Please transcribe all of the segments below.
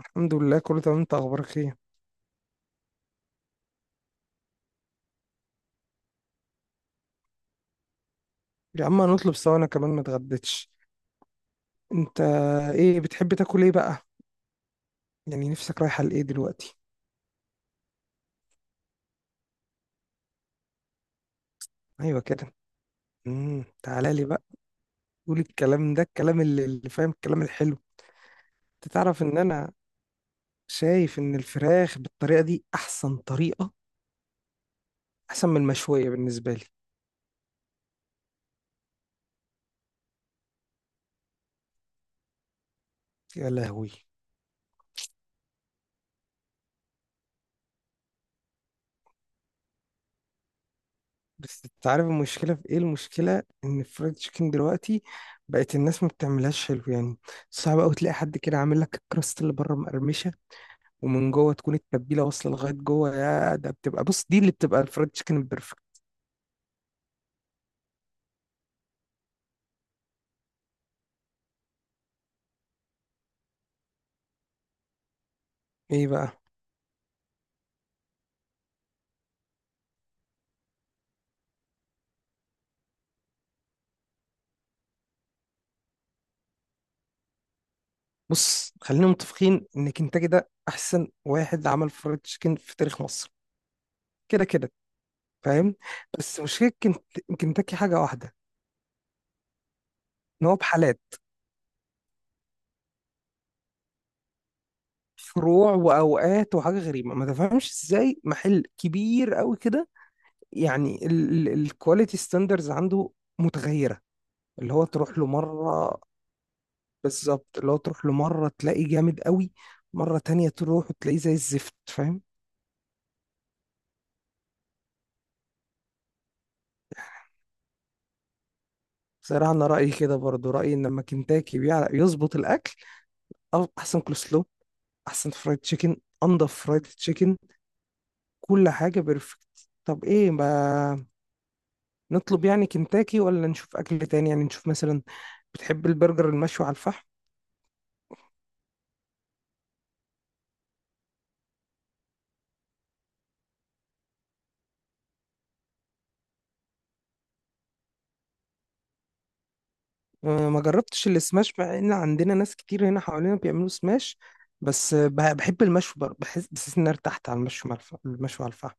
الحمد لله كله تمام. انت اخبارك ايه؟ يا عم هنطلب سوا، انا كمان ما اتغديتش. انت ايه بتحب تاكل ايه بقى؟ يعني نفسك رايحه لايه دلوقتي؟ ايوه كده. تعالى لي بقى. قول الكلام ده، الكلام اللي فاهم الكلام الحلو. انت تعرف ان انا شايف ان الفراخ بالطريقه دي احسن طريقه، احسن من المشويه بالنسبه لي. يا لهوي. بس انت عارف المشكله في ايه؟ المشكله ان الفرايد تشيكن دلوقتي بقت الناس ما بتعملهاش حلو يعني. صعب قوي تلاقي حد كده عامل لك الكراست اللي بره مقرمشه ومن جوه تكون التتبيله واصله لغايه جوه. يا ده بتبقى، بص، دي اللي بتبقى الفرايد تشيكن البرفكت. ايه بقى؟ بص، خلينا متفقين ان كنتاكي ده احسن واحد عمل فرايد تشيكن في تاريخ مصر. كده كده. فاهم. بس مشكله كنتاكي حاجه واحده، ان هو بحالات، فروع واوقات. وحاجه غريبه، ما تفهمش ازاي محل كبير قوي كده، يعني، الكواليتي ستاندرز عنده متغيره. اللي هو تروح له مره، بالظبط، اللي هو تروح له مرة تلاقيه جامد قوي، مرة تانية تروح وتلاقيه زي الزفت. فاهم. صراحة أنا رأيي كده، برضو رأيي إن لما كنتاكي بيعرف يظبط الأكل، أو أحسن كولسلو، أحسن فرايد تشيكن، أنضف فرايد تشيكن، كل حاجة بيرفكت. طب إيه، ما نطلب يعني كنتاكي ولا نشوف أكل تاني؟ يعني نشوف مثلا، بتحب البرجر المشوي على الفحم؟ ما جربتش السماش مع إن عندنا ناس كتير هنا حوالينا بيعملوا سماش. بس بحب المشوي برضه. بحس إن أنا ارتحت على المشوي، المشوي على الفحم.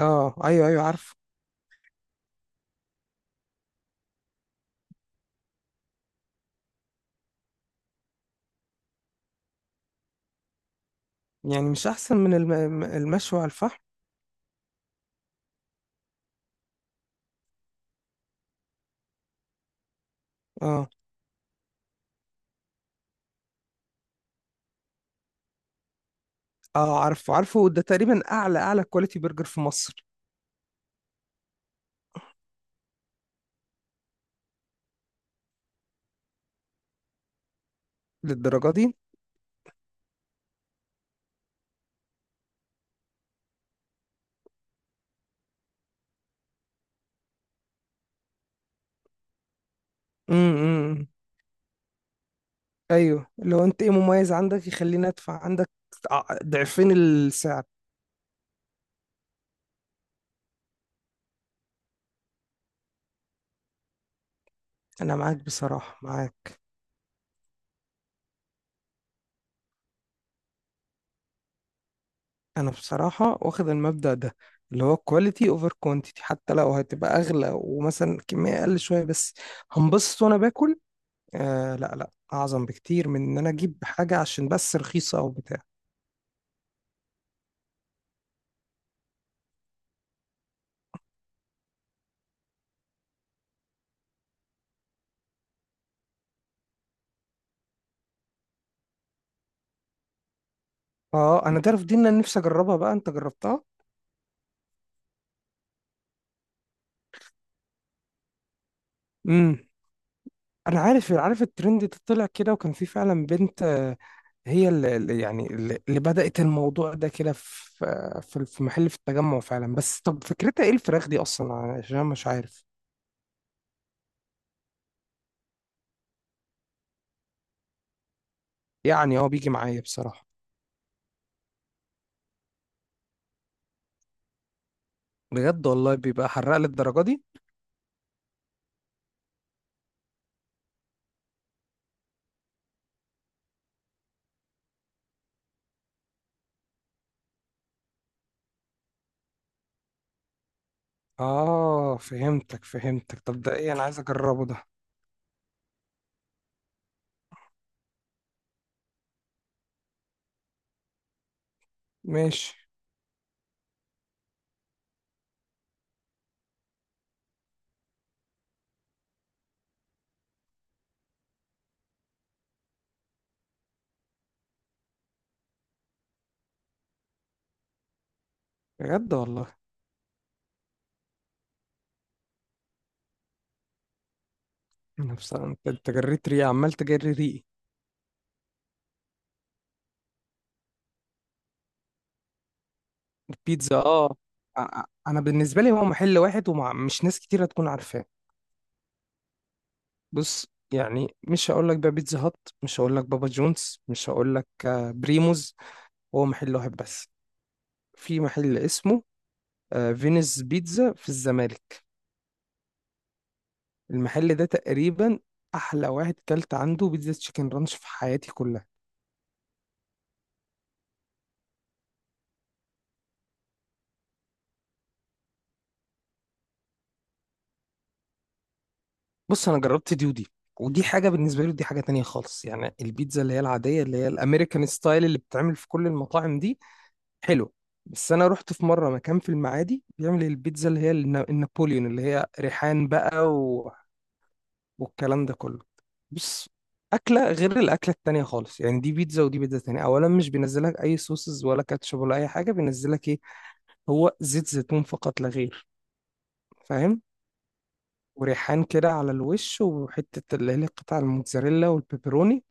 اه، ايوه ايوه عارفه. يعني مش احسن من المشوي على الفحم؟ اه. اه، عارفه عارفه، ده تقريبا اعلى كواليتي برجر في مصر. للدرجه دي؟ إمم، إمم. ايوه، لو انت ايه مميز عندك يخليني ادفع عندك ضعفين السعر. انا معاك بصراحه، معاك. انا بصراحه واخد المبدأ ده، اللي هو كواليتي اوفر كوانتيتي، حتى لو هتبقى اغلى ومثلا الكميه اقل شويه، بس هنبسط وانا باكل. آه لا لا، اعظم بكتير من ان انا اجيب حاجه عشان بس رخيصه او بتاع. اه، انا تعرف دي، إن انا نفسي اجربها بقى. انت جربتها؟ امم. انا عارف، عارف الترند ده طلع كده، وكان في فعلا بنت، هي يعني اللي بدأت الموضوع ده كده في، في محل في التجمع فعلا. بس طب فكرتها ايه الفراخ دي اصلا؟ عشان أنا مش عارف. يعني هو بيجي معايا بصراحة. بجد والله بيبقى حراق للدرجة دي؟ اه، فهمتك فهمتك. طب ده ايه؟ انا عايز اجربه ده. ماشي. بجد والله. انا بصراحة، انت، أنت جريت ريقي، عمال تجري ريقي. البيتزا، اه. انا بالنسبه لي هو محل واحد، ومش ناس كتير هتكون عارفاه. بص، يعني مش هقول لك بقى بيتزا هات، مش هقول لك بابا جونز، مش هقول لك بريموز. هو محل واحد بس. في محل اسمه، فينيس بيتزا في الزمالك. المحل ده تقريبا احلى واحد كلت عنده بيتزا تشيكن رانش في حياتي كلها. بص، انا جربت دي ودي، ودي حاجه بالنسبه لي ودي حاجه تانية خالص. يعني البيتزا اللي هي العاديه، اللي هي الامريكان ستايل، اللي بتتعمل في كل المطاعم دي، حلو. بس انا رحت في مره مكان في المعادي بيعمل البيتزا اللي هي النابوليون، اللي هي ريحان بقى و... والكلام ده كله. بص، اكله غير الاكله التانية خالص. يعني دي بيتزا ودي بيتزا تانية. اولا مش بينزلك اي صوصز ولا كاتشب ولا اي حاجه، بينزلك ايه؟ هو زيت زيتون فقط لا غير. فاهم. وريحان كده على الوش، وحته اللي هي قطع الموتزاريلا والبيبروني.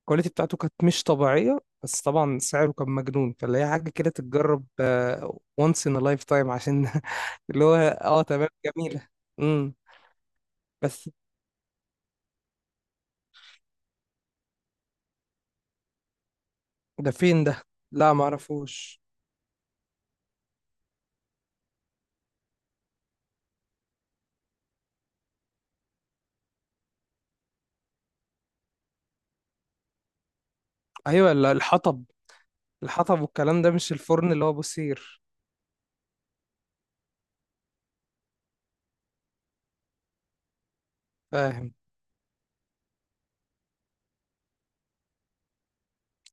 الكواليتي بتاعته كانت مش طبيعية، بس طبعا سعره كان مجنون. فاللي هي حاجة كده تتجرب once in a lifetime، عشان اللي هو اه تمام. جميلة. امم. بس ده فين ده؟ لا، معرفوش. ايوه، الحطب، الحطب والكلام ده، مش الفرن اللي هو بوسير. فاهم.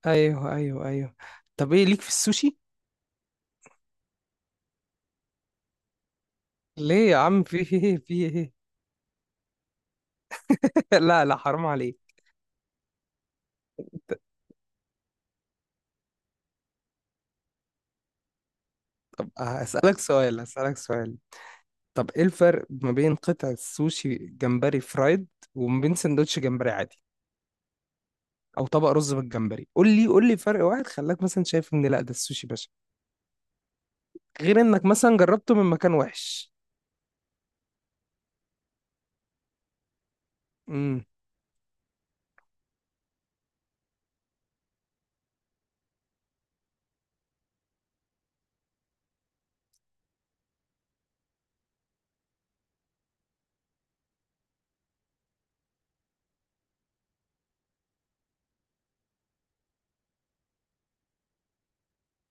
ايوه ايوه ايوه. طب ايه ليك في السوشي؟ ليه يا عم؟ في ايه في ايه؟ لا لا، حرام عليك. طب هسألك سؤال، هسألك سؤال. طب ايه الفرق ما بين قطعة سوشي جمبري فرايد، وما بين سندوتش جمبري عادي، او طبق رز بالجمبري؟ قول لي، قول لي فرق واحد خلاك مثلا شايف ان لا ده السوشي باشا، غير انك مثلا جربته من مكان وحش. امم.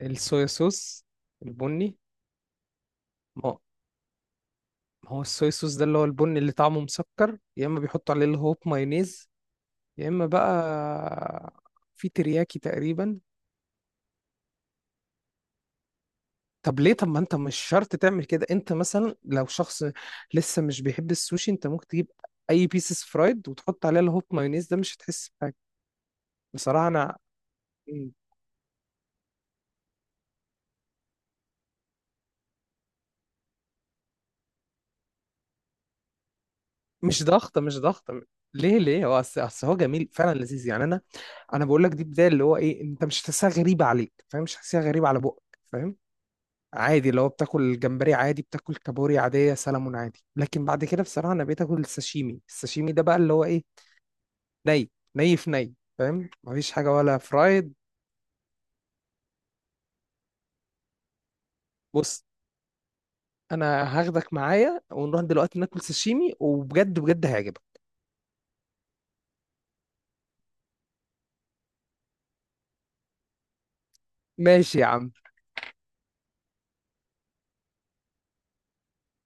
الصويا صوص، البني. ما هو، ما هو الصويا صوص ده اللي هو البني، اللي طعمه مسكر، يا اما بيحطوا عليه اللي هو مايونيز، يا اما بقى في ترياكي تقريبا. طب ليه؟ طب ما انت مش شرط تعمل كده. انت مثلا لو شخص لسه مش بيحب السوشي، انت ممكن تجيب اي بيسز فرايد وتحط عليها الهوب مايونيز ده، مش هتحس بحاجه. بصراحه انا، مش ضغطه، مش ضغطه. ليه ليه؟ هو اصل، اصل هو جميل فعلا، لذيذ يعني. انا، انا بقول لك دي بدايه، اللي هو ايه، انت مش هتحسها غريبه عليك. فاهم. مش هتحسها غريبه على بقك. فاهم. عادي، لو بتاكل جمبري عادي، بتاكل كابوري عاديه، سلمون عادي. لكن بعد كده بصراحه انا بقيت اكل الساشيمي. الساشيمي ده بقى اللي هو ايه، ني، ني في ني. فاهم. مفيش حاجه ولا فرايد. بص، انا هاخدك معايا ونروح دلوقتي ناكل ساشيمي، وبجد بجد هيعجبك. ماشي يا عم.